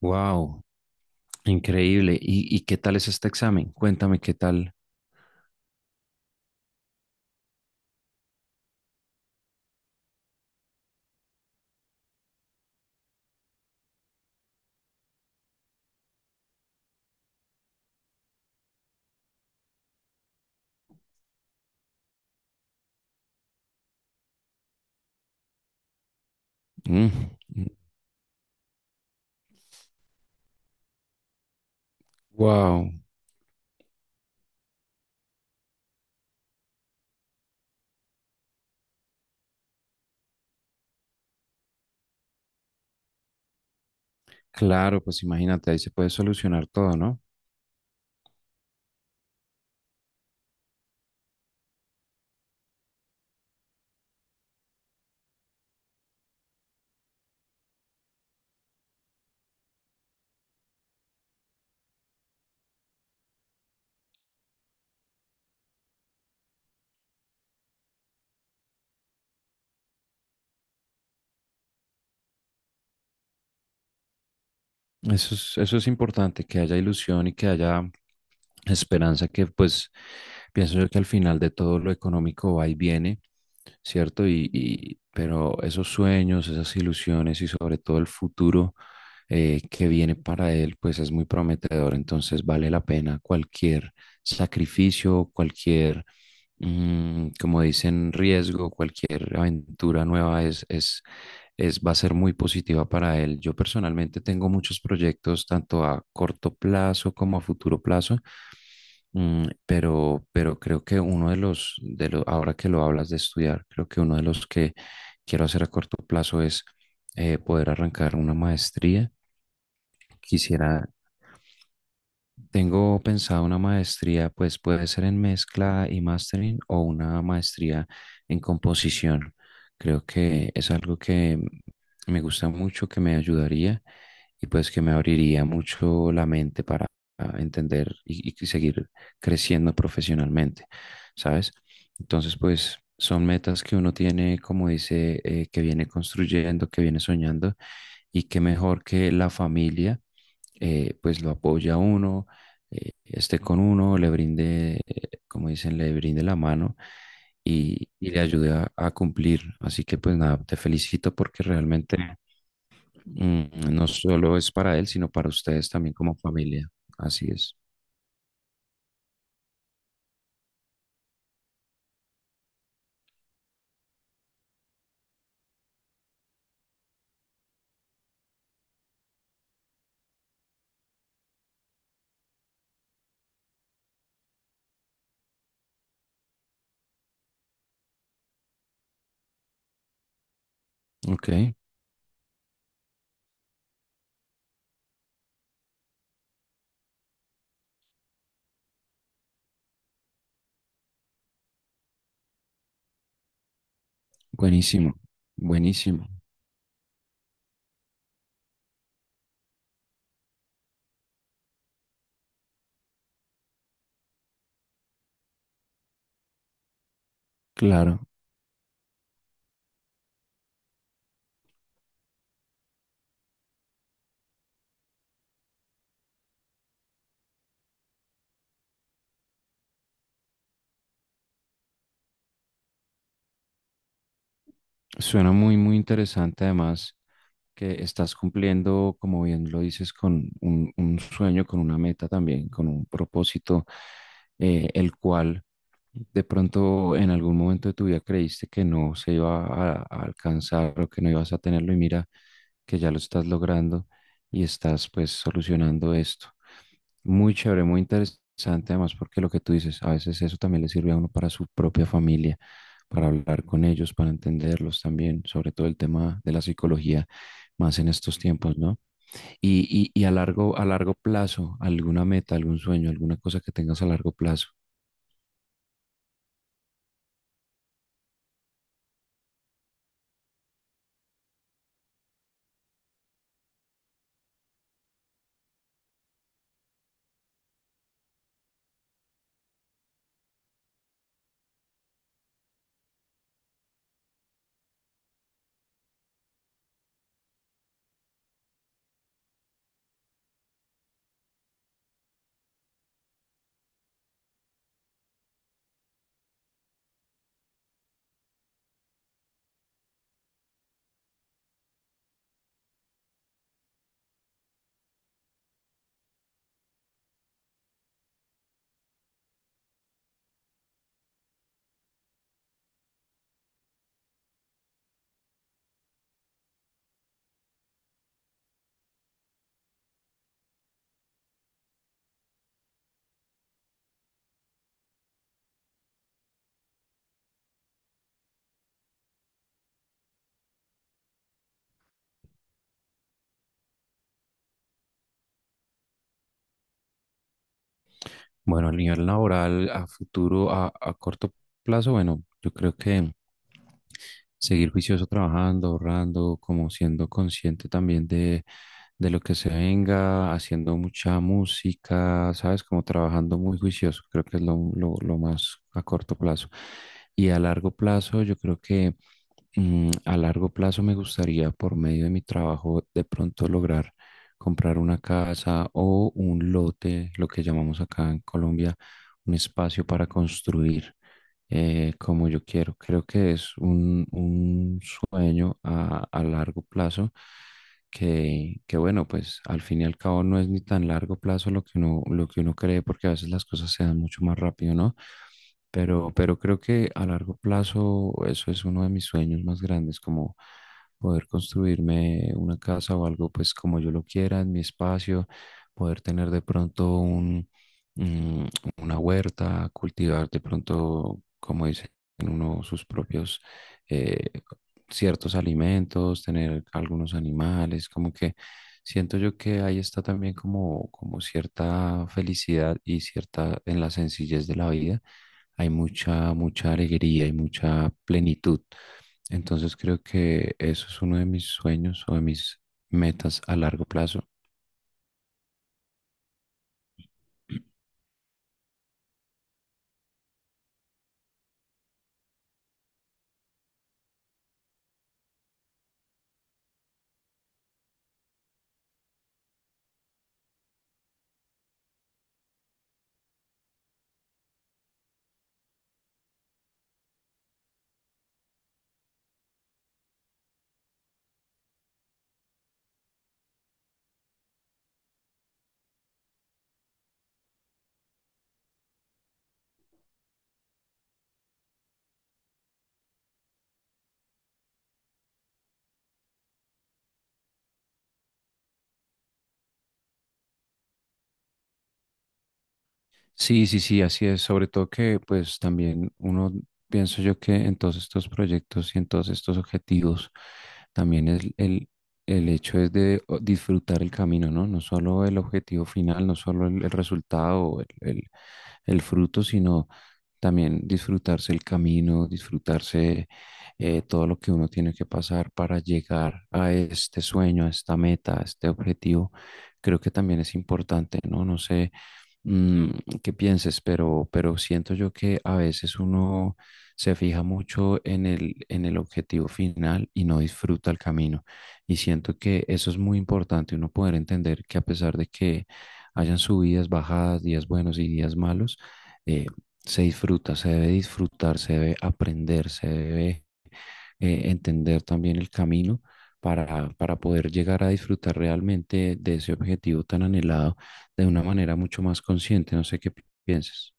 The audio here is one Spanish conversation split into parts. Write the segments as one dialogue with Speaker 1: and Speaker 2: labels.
Speaker 1: Wow, increíble. ¿Y, qué tal es este examen? Cuéntame qué tal. Wow, claro, pues imagínate, ahí se puede solucionar todo, ¿no? Eso es importante, que haya ilusión y que haya esperanza, que pues pienso yo que al final de todo lo económico va y viene, ¿cierto? Pero esos sueños, esas ilusiones y sobre todo el futuro que viene para él, pues es muy prometedor, entonces vale la pena cualquier sacrificio, cualquier como dicen, riesgo, cualquier aventura nueva va a ser muy positiva para él. Yo personalmente tengo muchos proyectos, tanto a corto plazo como a futuro plazo. Pero creo que uno de los, ahora que lo hablas de estudiar, creo que uno de los que quiero hacer a corto plazo es poder arrancar una maestría. Quisiera, tengo pensado una maestría, pues puede ser en mezcla y mastering o una maestría en composición. Creo que es algo que me gusta mucho, que me ayudaría, y pues que me abriría mucho la mente para entender y seguir creciendo profesionalmente, ¿sabes? Entonces, pues son metas que uno tiene, como dice, que viene construyendo, que viene soñando y que mejor que la familia, pues lo apoya a uno, esté con uno, le brinde, como dicen, le brinde la mano y le ayude a cumplir. Así que pues nada, te felicito porque realmente, mm, no solo es para él, sino para ustedes también como familia. Así es. Ok, buenísimo, buenísimo. Claro, suena muy, muy interesante además. Que estás cumpliendo, como bien lo dices, con un sueño, con una meta también, con un propósito, el cual de pronto en algún momento de tu vida creíste que no se iba a alcanzar o que no ibas a tenerlo, y mira que ya lo estás logrando y estás pues solucionando esto. Muy chévere, muy interesante además porque lo que tú dices, a veces eso también le sirve a uno para su propia familia, para hablar con ellos, para entenderlos también, sobre todo el tema de la psicología más en estos tiempos, ¿no? Y a largo plazo, alguna meta, algún sueño, alguna cosa que tengas a largo plazo. Bueno, a nivel laboral, a futuro, a corto plazo, bueno, yo creo que seguir juicioso trabajando, ahorrando, como siendo consciente también de lo que se venga, haciendo mucha música, ¿sabes? Como trabajando muy juicioso, creo que es lo más a corto plazo. Y a largo plazo, yo creo que, mm, a largo plazo me gustaría, por medio de mi trabajo, de pronto lograr comprar una casa o un lote, lo que llamamos acá en Colombia, un espacio para construir como yo quiero. Creo que es un sueño a largo plazo que, bueno, pues al fin y al cabo no es ni tan largo plazo lo que uno cree, porque a veces las cosas se dan mucho más rápido, ¿no? Pero creo que a largo plazo eso es uno de mis sueños más grandes, como poder construirme una casa o algo pues como yo lo quiera en mi espacio, poder tener de pronto un, mm, una huerta, cultivar de pronto, como dicen uno, sus propios, eh, ciertos alimentos, tener algunos animales, como que siento yo que ahí está también como, como cierta felicidad, y cierta, en la sencillez de la vida hay mucha, mucha alegría y mucha plenitud. Entonces creo que eso es uno de mis sueños o de mis metas a largo plazo. Sí, sí, sí, así es. Sobre todo que pues también uno, pienso yo que en todos estos proyectos y en todos estos objetivos, también el hecho es de disfrutar el camino, ¿no? No solo el objetivo final, no solo el resultado, el fruto, sino también disfrutarse el camino, disfrutarse, todo lo que uno tiene que pasar para llegar a este sueño, a esta meta, a este objetivo, creo que también es importante, ¿no? No sé, mm, qué pienses, pero siento yo que a veces uno se fija mucho en el objetivo final y no disfruta el camino. Y siento que eso es muy importante, uno poder entender que a pesar de que hayan subidas, bajadas, días buenos y días malos, eh, se disfruta, se debe disfrutar, se debe aprender, se debe, entender también el camino para poder llegar a disfrutar realmente de ese objetivo tan anhelado de una manera mucho más consciente. No sé qué pienses.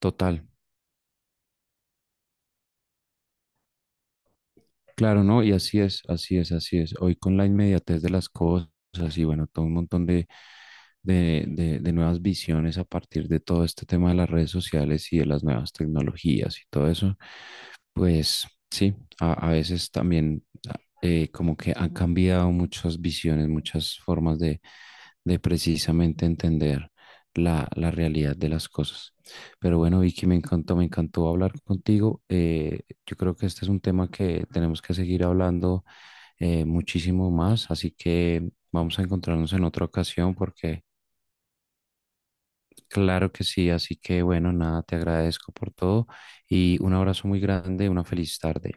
Speaker 1: Total, claro, ¿no? Y así es, así es, así es. Hoy con la inmediatez de las cosas y bueno, todo un montón de nuevas visiones a partir de todo este tema de las redes sociales y de las nuevas tecnologías y todo eso, pues sí, a veces también, como que han cambiado muchas visiones, muchas formas de precisamente entender la realidad de las cosas. Pero bueno, Vicky, me encantó hablar contigo. Yo creo que este es un tema que tenemos que seguir hablando, muchísimo más, así que vamos a encontrarnos en otra ocasión porque claro que sí, así que bueno, nada, te agradezco por todo y un abrazo muy grande, una feliz tarde.